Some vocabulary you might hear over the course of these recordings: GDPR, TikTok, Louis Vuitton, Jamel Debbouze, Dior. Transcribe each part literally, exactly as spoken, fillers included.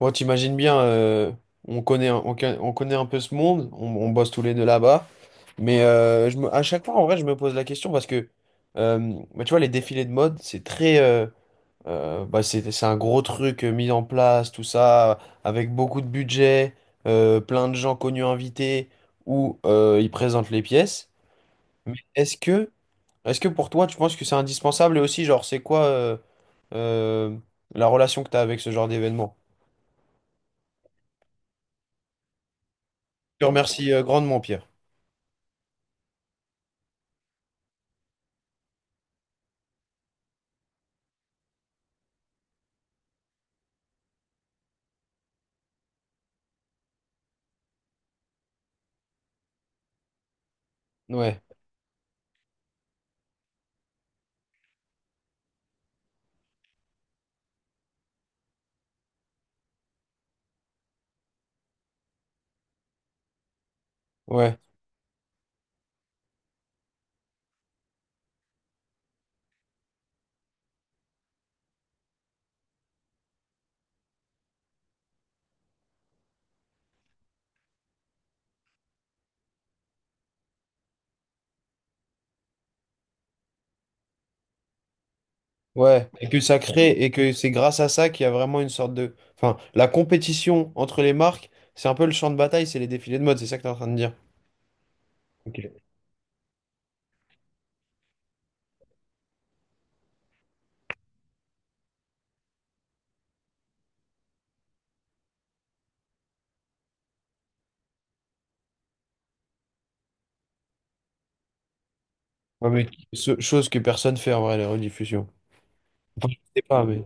Bon, t'imagines bien, euh, on connaît, un- on, ca- on connaît un peu ce monde, on, on bosse tous les deux là-bas, mais euh, je me- à chaque fois, en vrai, je me pose la question parce que, euh, bah, tu vois, les défilés de mode, c'est très, euh, euh, bah, c'est, c'est un gros truc euh, mis en place, tout ça, avec beaucoup de budget, euh, plein de gens connus invités, où euh, ils présentent les pièces. Mais est-ce que, est-ce que pour toi, tu penses que c'est indispensable et aussi, genre, c'est quoi euh, euh, la relation que tu as avec ce genre d'événement? Je te remercie euh, grandement, Pierre. Ouais, ouais, ouais. Et que ça crée, et que c'est grâce à ça qu'il y a vraiment une sorte de... Enfin, la compétition entre les marques, c'est un peu le champ de bataille, c'est les défilés de mode, c'est ça que t'es en train de dire. Ok. Ouais, mais ce- chose que personne fait en vrai, les rediffusions. Enfin, je sais pas, mais...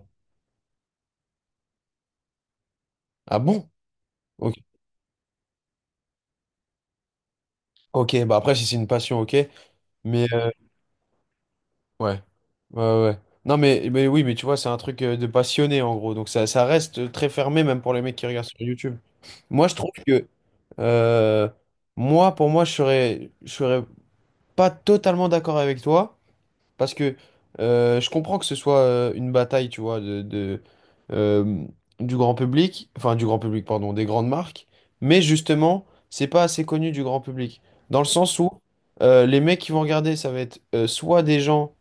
Ah bon? Ok. Ok, bah après, si c'est une passion, ok. Mais... euh, ouais. Ouais, ouais, ouais. Non, mais, mais oui, mais tu vois, c'est un truc euh, de passionné, en gros. Donc ça, ça reste très fermé, même pour les mecs qui regardent sur YouTube. Moi, je trouve que... Euh, moi, pour moi, je serais, je serais pas totalement d'accord avec toi, parce que euh, je comprends que ce soit euh, une bataille, tu vois, de, de, euh, du grand public, enfin du grand public, pardon, des grandes marques, mais justement, c'est pas assez connu du grand public, dans le sens où euh, les mecs qui vont regarder, ça va être euh, soit des gens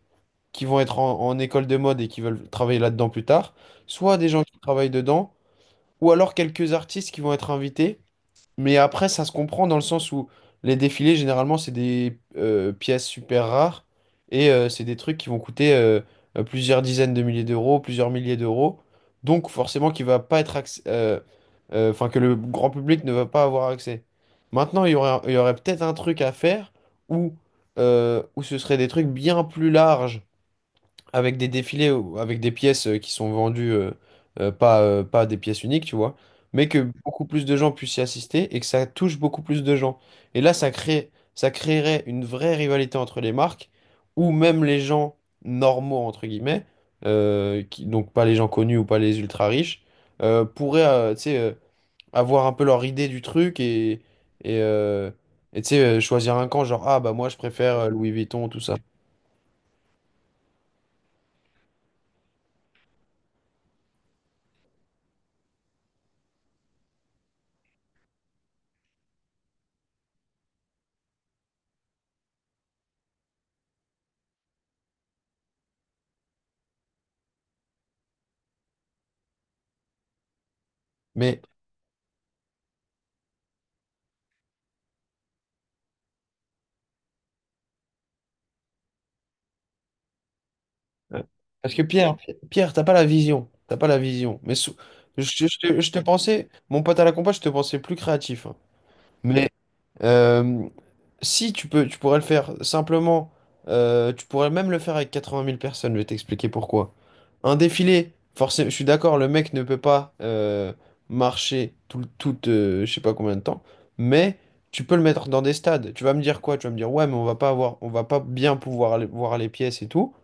qui vont être en, en école de mode et qui veulent travailler là-dedans plus tard, soit des gens qui travaillent dedans, ou alors quelques artistes qui vont être invités. Mais après, ça se comprend dans le sens où les défilés, généralement, c'est des euh, pièces super rares et euh, c'est des trucs qui vont coûter euh, euh, plusieurs dizaines de milliers d'euros, plusieurs milliers d'euros. Donc, forcément, qui va pas être acc- euh, euh, enfin, que le grand public ne va pas avoir accès. Maintenant, il y aurait, il y aurait peut-être un truc à faire où, euh, où ce serait des trucs bien plus larges avec des défilés, ou avec des pièces euh, qui sont vendues, euh, euh, pas, euh, pas des pièces uniques, tu vois, mais que beaucoup plus de gens puissent y assister et que ça touche beaucoup plus de gens. Et là, ça crée, ça créerait une vraie rivalité entre les marques, où même les gens normaux, entre guillemets, euh, qui, donc pas les gens connus ou pas les ultra riches, euh, pourraient, euh, tu sais, euh, avoir un peu leur idée du truc et, et, euh, et, tu sais, euh, choisir un camp, genre, ah bah moi je préfère euh, Louis Vuitton, tout ça. Mais ouais. Parce que Pierre, Pierre, t'as pas la vision. T'as pas la vision. Mais sou- je, je te je te pensais, mon pote à la compa, je te pensais plus créatif, hein. Mais euh, si tu peux, tu pourrais le faire simplement. Euh, tu pourrais même le faire avec quatre-vingt mille personnes. Je vais t'expliquer pourquoi. Un défilé, forcément, je suis d'accord, le mec ne peut pas euh, marcher tout, le- tout euh, je sais pas combien de temps. Mais tu peux le mettre dans des stades. Tu vas me dire quoi? Tu vas me dire, ouais, mais on va pas avoir, on va pas bien pouvoir aller voir les pièces et tout.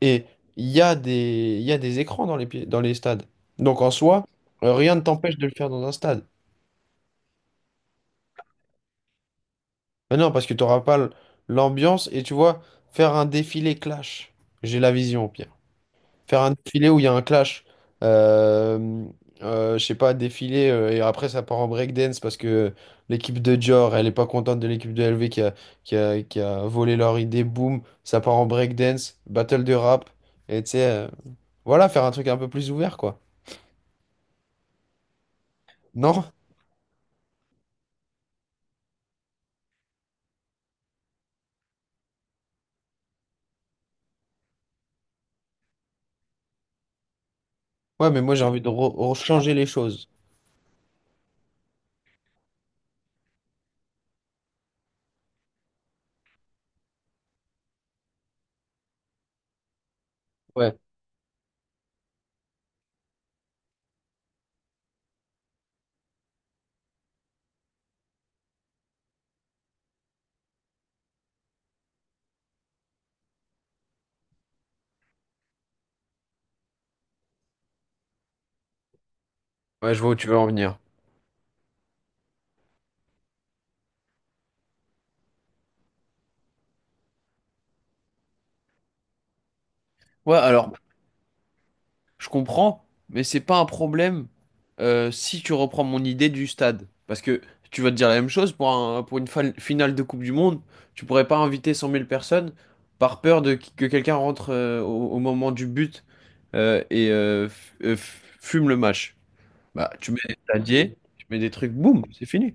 Et il y a des, il y a des écrans dans les, pi- dans les stades. Donc en soi, euh, rien ne t'empêche de le faire dans un stade. Mais non, parce que tu n'auras pas l- l'ambiance et tu vois, faire un défilé clash. J'ai la vision au pire. Faire un défilé où il y a un clash. Euh, euh, je sais pas, défilé euh, et après ça part en breakdance parce que l'équipe de Dior, elle est pas contente de l'équipe de L V qui a, qui a, qui a volé leur idée. Boum, ça part en breakdance, battle de rap. Et tu sais, euh, voilà, faire un truc un peu plus ouvert quoi. Non? Ouais, mais moi j'ai envie de re- changer les choses. Ouais, ouais, je vois où tu veux en venir. Ouais, alors, je comprends, mais c'est pas un problème euh, si tu reprends mon idée du stade. Parce que tu vas te dire la même chose pour un- pour une fal- finale de Coupe du Monde, tu pourrais pas inviter cent mille personnes par peur de qui- que quelqu'un rentre euh, au, au moment du but euh, et euh, f- euh, f- fume le match. Bah, tu mets des stadiers, tu mets des trucs, boum, c'est fini.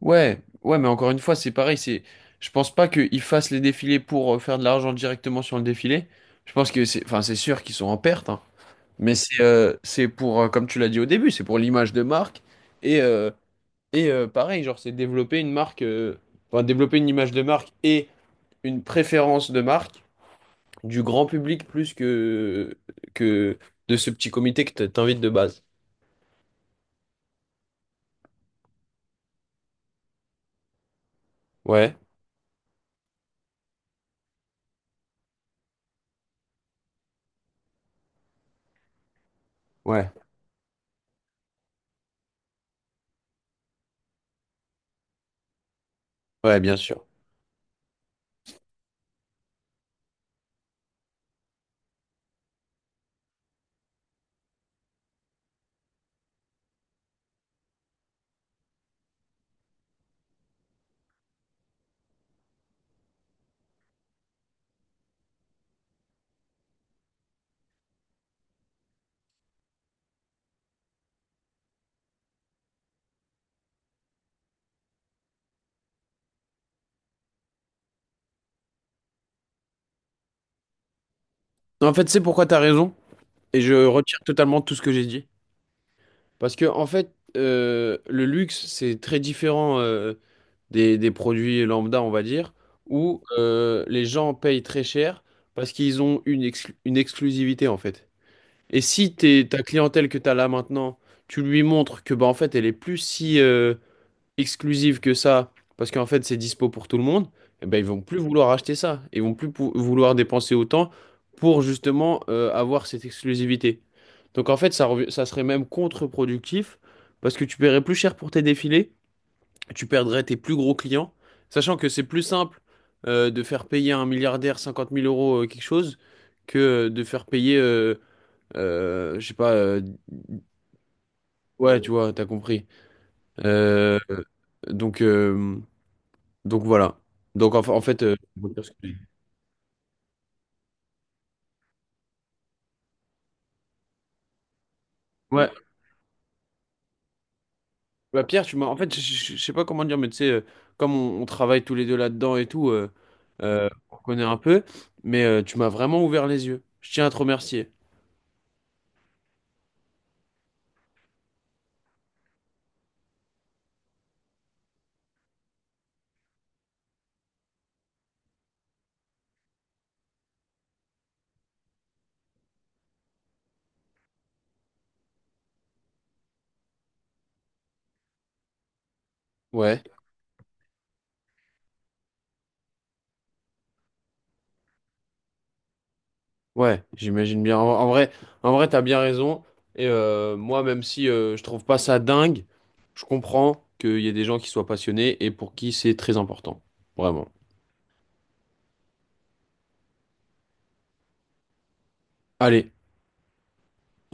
Ouais, ouais, mais encore une fois, c'est pareil, c'est, je pense pas qu'ils fassent les défilés pour euh, faire de l'argent directement sur le défilé. Je pense que c'est, enfin, c'est sûr qu'ils sont en perte, hein. Mais c'est, euh, c'est pour, euh, comme tu l'as dit au début, c'est pour l'image de marque et, euh, et euh, pareil, genre, c'est développer une marque, euh, enfin, développer une image de marque et une préférence de marque du grand public plus que que de ce petit comité que t- t'invites de base. Ouais, ouais, ouais, bien sûr. En fait, c'est pourquoi t'as raison et je retire totalement tout ce que j'ai dit. Parce que en fait, euh, le luxe, c'est très différent euh, des, des produits lambda, on va dire, où euh, les gens payent très cher parce qu'ils ont une, exclu- une exclusivité, en fait. Et si t'es, ta clientèle que tu as là maintenant, tu lui montres que bah, en fait, elle est plus si, euh, exclusive que ça, parce qu'en fait c'est dispo pour tout le monde, eh ben, ils vont plus vouloir acheter ça. Ils vont plus pou- vouloir dépenser autant pour justement euh, avoir cette exclusivité. Donc en fait ça, rev- ça serait même contre-productif parce que tu paierais plus cher pour tes défilés, tu perdrais tes plus gros clients, sachant que c'est plus simple euh, de faire payer un milliardaire cinquante mille euros euh, quelque chose que euh, de faire payer, euh, euh, je sais pas, euh, ouais tu vois, t'as compris. Euh, donc, euh, donc voilà. Donc en, fa- en fait, euh, ouais. Ouais, bah, Pierre, tu m'as. En fait, je je- je sais pas comment dire, mais tu sais, euh, comme on, on travaille tous les deux là-dedans et tout, euh, euh, on connaît un peu, mais euh, tu m'as vraiment ouvert les yeux. Je tiens à te remercier. Ouais, ouais, j'imagine bien. En, en vrai, en vrai, t'as bien raison. Et euh, moi, même si euh, je trouve pas ça dingue, je comprends qu'il y ait des gens qui soient passionnés et pour qui c'est très important. Vraiment. Allez.